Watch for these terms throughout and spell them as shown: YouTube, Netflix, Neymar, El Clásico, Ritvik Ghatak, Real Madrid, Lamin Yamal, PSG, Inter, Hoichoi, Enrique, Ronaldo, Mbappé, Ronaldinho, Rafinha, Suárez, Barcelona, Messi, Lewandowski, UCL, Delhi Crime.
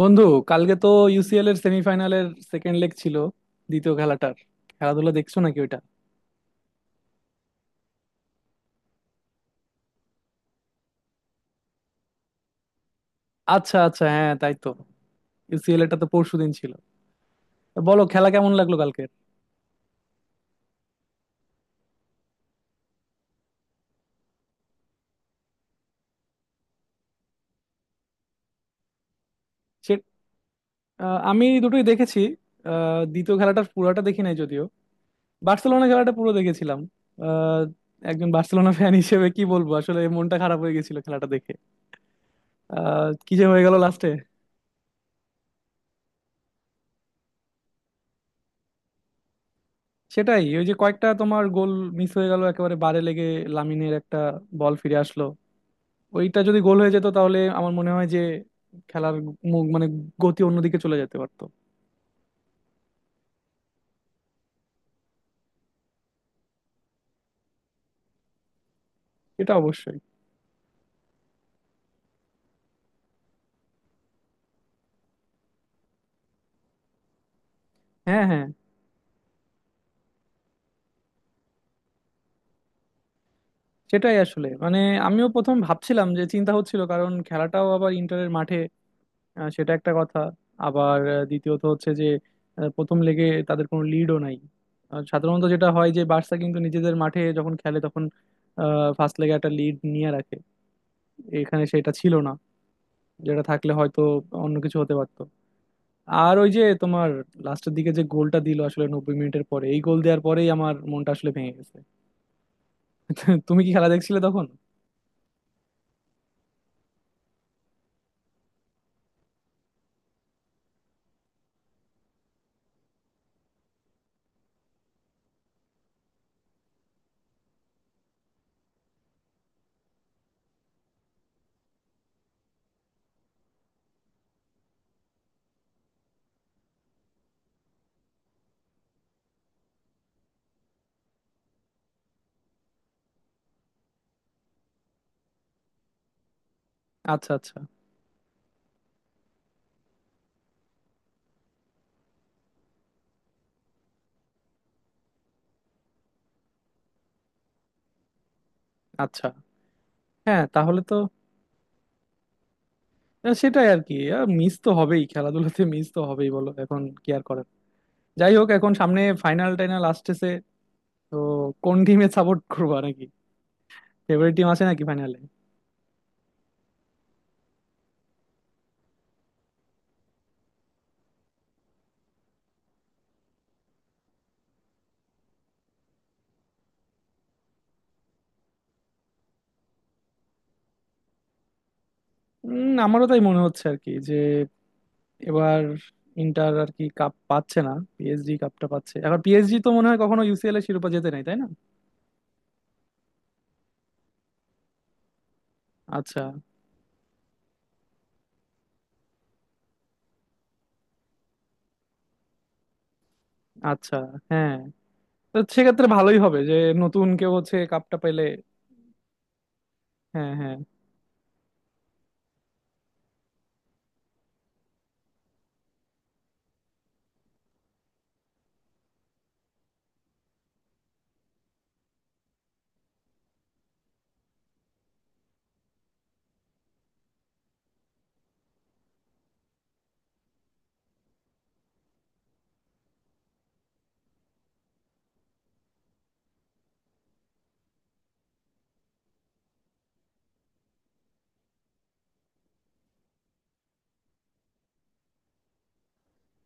বন্ধু, কালকে তো ইউসিএল এর সেমিফাইনালের সেকেন্ড লেগ ছিল, দ্বিতীয় খেলাটার। খেলাধুলা দেখছো নাকি ওইটা? আচ্ছা, আচ্ছা, হ্যাঁ তাই তো, ইউসিএল এটা তো পরশুদিন ছিল। তো বলো, খেলা কেমন লাগলো কালকের? সে আমি দুটোই দেখেছি। দ্বিতীয় খেলাটার পুরোটা দেখি নাই যদিও। বার্সেলোনা খেলাটা পুরো দেখেছিলাম। আহ, একজন বার্সেলোনা ফ্যান হিসেবে কি বলবো, আসলে মনটা খারাপ হয়ে গেছিল খেলাটা দেখে। কি যে হয়ে গেল লাস্টে। সেটাই, ওই যে কয়েকটা তোমার গোল মিস হয়ে গেল একেবারে বারে লেগে। লামিনের একটা বল ফিরে আসলো। ওইটা যদি গোল হয়ে যেত তাহলে আমার মনে হয় যে খেলার মুখ, মানে গতি অন্যদিকে চলে যেতে পারতো। এটা অবশ্যই। হ্যাঁ, হ্যাঁ। সেটাই আসলে, মানে আমিও প্রথম ভাবছিলাম যে চিন্তা হচ্ছিল কারণ খেলাটাও আবার ইন্টারের মাঠে। সেটা একটা কথা। আবার দ্বিতীয়ত হচ্ছে যে প্রথম লেগে তাদের কোনো লিডও নাই। আর সাধারণত যেটা হয় যে বার্সা কিন্তু নিজেদের মাঠে যখন খেলে তখন ফার্স্ট লেগে একটা লিড নিয়ে রাখে, এখানে সেটা ছিল না, যেটা থাকলে হয়তো অন্য কিছু হতে পারতো। আর ওই যে তোমার লাস্টের দিকে যে গোলটা দিল আসলে 90 মিনিটের পরে, এই গোল দেওয়ার পরেই আমার মনটা আসলে ভেঙে গেছে। তুমি কি খেলা দেখছিলে তখন? আচ্ছা, আচ্ছা। আচ্ছা, হ্যাঁ, তাহলে তো। সেটাই আর কি। মিস তো হবেই, খেলাধুলাতে মিস তো হবেই, বলো এখন কি আর করার। যাই হোক, এখন সামনে ফাইনাল টাইনাল আসতেছে। তো কোন টিমে সাপোর্ট করবা নাকি, ফেভারিট টিম আছে নাকি ফাইনালে? আমারও তাই মনে হচ্ছে আর কি, যে এবার ইন্টার আর কি কাপ পাচ্ছে না, পিএসজি কাপটা পাচ্ছে। এখন পিএসজি তো মনে হয় কখনো ইউসিএল এর শিরোপা জেতে নাই, তাই না? আচ্ছা। আচ্ছা, হ্যাঁ। তো সেক্ষেত্রে ভালোই হবে যে নতুন কেউ হচ্ছে কাপটা পেলে। হ্যাঁ, হ্যাঁ।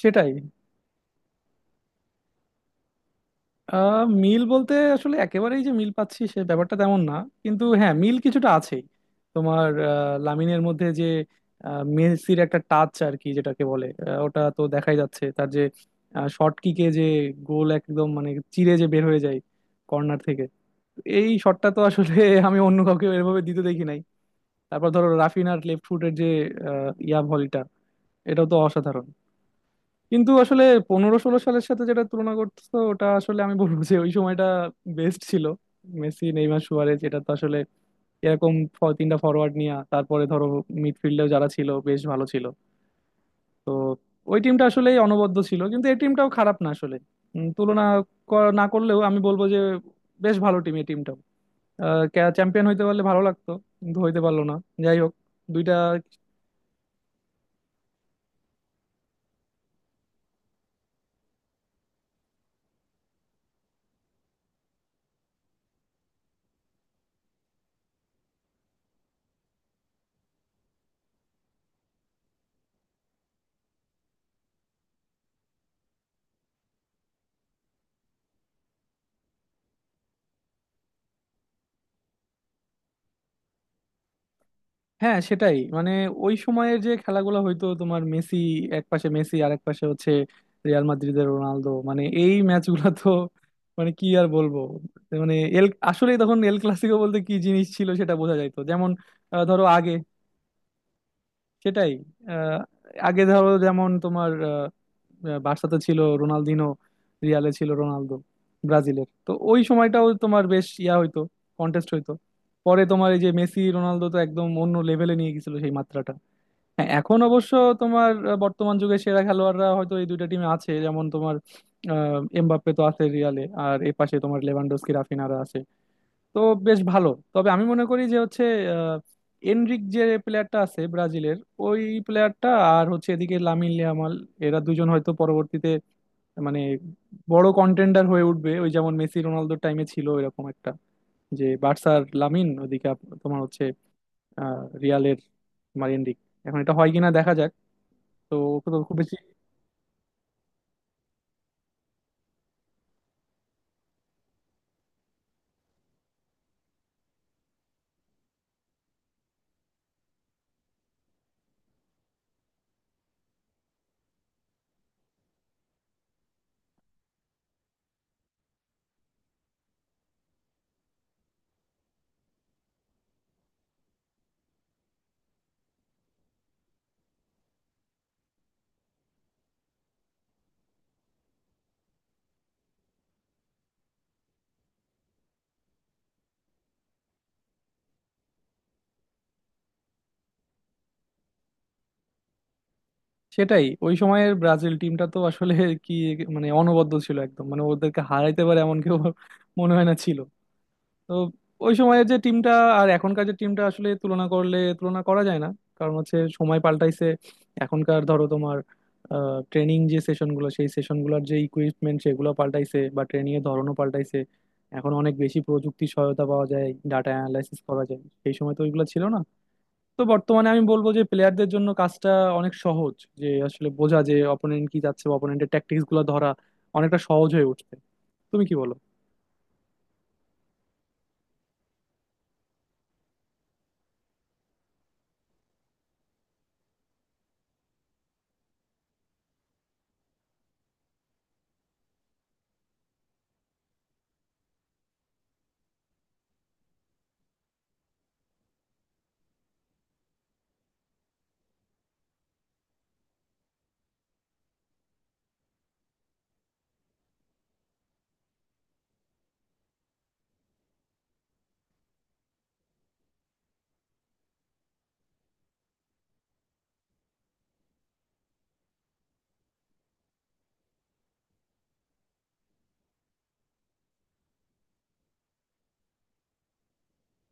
সেটাই। মিল বলতে আসলে একেবারেই যে মিল পাচ্ছি সে ব্যাপারটা তেমন না, কিন্তু হ্যাঁ মিল কিছুটা আছেই। তোমার লামিনের মধ্যে যে মেসির একটা টাচ আর কি যেটাকে বলে, ওটা তো দেখাই যাচ্ছে, তার যে শর্ট কিকে যে গোল একদম মানে চিরে যে বের হয়ে যায় কর্নার থেকে, এই শটটা তো আসলে আমি অন্য কাউকে এভাবে দিতে দেখি নাই। তারপর ধরো রাফিনার লেফট ফুটের যে ইয়া ভলিটা, এটাও তো অসাধারণ। কিন্তু আসলে 15-16 সালের সাথে যেটা তুলনা করতেছো ওটা আসলে আমি বলবো যে ওই সময়টা বেস্ট ছিল। মেসি, নেইমার, সুয়ারেজ, এটা তো আসলে এরকম তিনটা ফরওয়ার্ড নিয়ে, তারপরে ধরো মিডফিল্ডেও যারা ছিল বেশ ভালো ছিল। ওই টিমটা আসলেই অনবদ্য ছিল, কিন্তু এই টিমটাও খারাপ না আসলে। তুলনা না করলেও আমি বলবো যে বেশ ভালো টিম এই টিমটাও। চ্যাম্পিয়ন হইতে পারলে ভালো লাগতো, কিন্তু হইতে পারলো না। যাই হোক, দুইটা। হ্যাঁ, সেটাই, মানে ওই সময়ের যে খেলাগুলো হয়তো তোমার মেসি, এক পাশে মেসি আর এক পাশে হচ্ছে রিয়াল মাদ্রিদের রোনালদো, মানে এই ম্যাচগুলো তো মানে কি আর বলবো। মানে এল আসলে তখন এল ক্লাসিকো বলতে কি জিনিস ছিল সেটা বোঝা যাইতো, যেমন ধরো আগে, সেটাই। আহ, আগে ধরো যেমন তোমার আহ, আহ, বার্সাতে ছিল রোনালদিনো, রিয়ালে ছিল রোনালদো। ব্রাজিলের তো ওই সময়টাও তোমার বেশ ইয়া হইতো, কন্টেস্ট হইতো। পরে তোমার এই যে মেসি রোনালদো তো একদম অন্য লেভেলে নিয়ে গেছিল সেই মাত্রাটা। হ্যাঁ, এখন অবশ্য তোমার বর্তমান যুগে সেরা খেলোয়াড়রা হয়তো এই দুইটা টিমে আছে, যেমন তোমার এমবাপ্পে তো আছে রিয়ালে, আর এ পাশে তোমার লেভানডস্কি, রাফিনারা আছে। তো বেশ ভালো। তবে আমি মনে করি যে হচ্ছে আহ, এনরিক যে প্লেয়ারটা আছে ব্রাজিলের, ওই প্লেয়ারটা, আর হচ্ছে এদিকে লামিন ইয়ামাল, এরা দুজন হয়তো পরবর্তীতে মানে বড় কন্টেন্ডার হয়ে উঠবে, ওই যেমন মেসি রোনালদোর টাইমে ছিল এরকম একটা, যে বার্সার লামিন, ওদিকে তোমার হচ্ছে আহ, রিয়ালের তোমার এনরিক। এখন এটা হয় কিনা দেখা যাক। তো তো খুব বেশি। সেটাই, ওই সময়ের ব্রাজিল টিমটা তো আসলে কি মানে অনবদ্য ছিল একদম, মানে ওদেরকে হারাইতে পারে এমন কেউ মনে হয় না ছিল। তো ওই সময়ের যে টিমটা আর এখনকার যে টিমটা আসলে তুলনা করলে তুলনা করা যায় না, কারণ হচ্ছে সময় পাল্টাইছে। এখনকার ধরো তোমার ট্রেনিং যে সেশনগুলো, সেই সেশনগুলোর যে ইকুইপমেন্ট সেগুলো পাল্টাইছে, বা ট্রেনিং এর ধরনও পাল্টাইছে। এখন অনেক বেশি প্রযুক্তি সহায়তা পাওয়া যায়, ডাটা অ্যানালাইসিস করা যায়, সেই সময় তো ওইগুলো ছিল না। তো বর্তমানে আমি বলবো যে প্লেয়ারদের জন্য কাজটা অনেক সহজ, যে আসলে বোঝা যে অপোনেন্ট কি যাচ্ছে বা অপোনেন্টের ট্যাকটিক্স গুলো ধরা অনেকটা সহজ হয়ে উঠছে। তুমি কি বলো?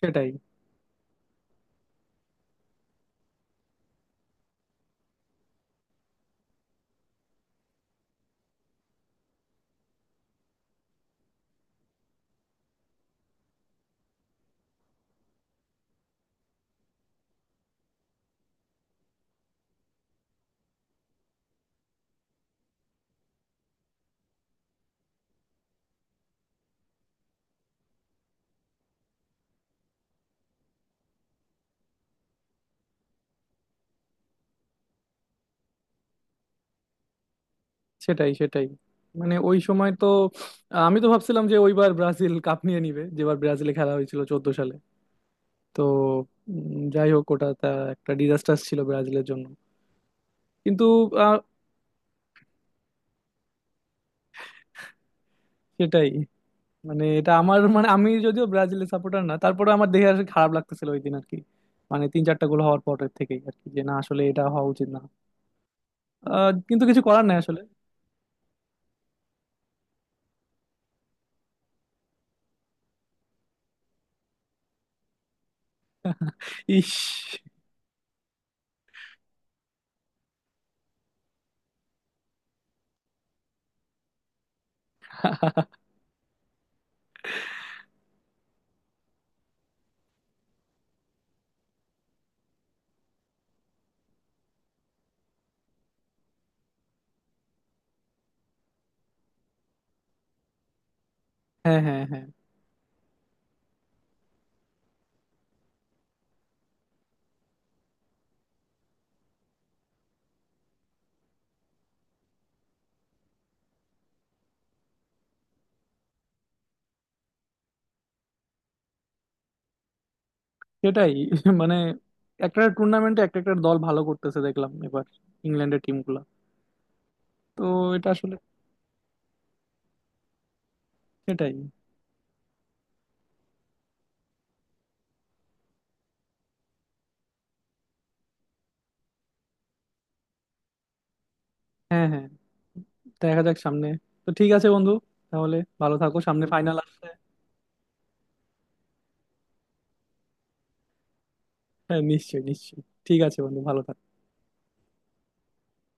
সেটাই, সেটাই, সেটাই, মানে ওই সময় তো আমি তো ভাবছিলাম যে ওইবার ব্রাজিল কাপ নিয়ে নিবে, যেবার ব্রাজিলে খেলা হয়েছিল 14 সালে। তো যাই হোক, ওটা তা একটা ডিজাস্টার ছিল ব্রাজিলের জন্য, কিন্তু আহ, সেটাই, মানে এটা আমার, মানে আমি যদিও ব্রাজিলের সাপোর্টার না, তারপরে আমার দেখে আসলে খারাপ লাগতেছিল ওই দিন আর কি। মানে তিন চারটা গোল হওয়ার পরের থেকেই আর কি, যে না আসলে এটা হওয়া উচিত না। কিন্তু কিছু করার নাই আসলে। ইস। হ্যাঁ, হ্যাঁ, হ্যাঁ। সেটাই। মানে একটা টুর্নামেন্টে একটা একটা দল ভালো করতেছে দেখলাম এবার, ইংল্যান্ডের টিমগুলো। তো এটা আসলে সেটাই। হ্যাঁ, হ্যাঁ। দেখা যাক সামনে। তো ঠিক আছে বন্ধু, তাহলে ভালো থাকো, সামনে ফাইনাল আসছে। হ্যাঁ, নিশ্চয়ই, নিশ্চয়ই। ঠিক আছে বন্ধু, ভালো থাকো।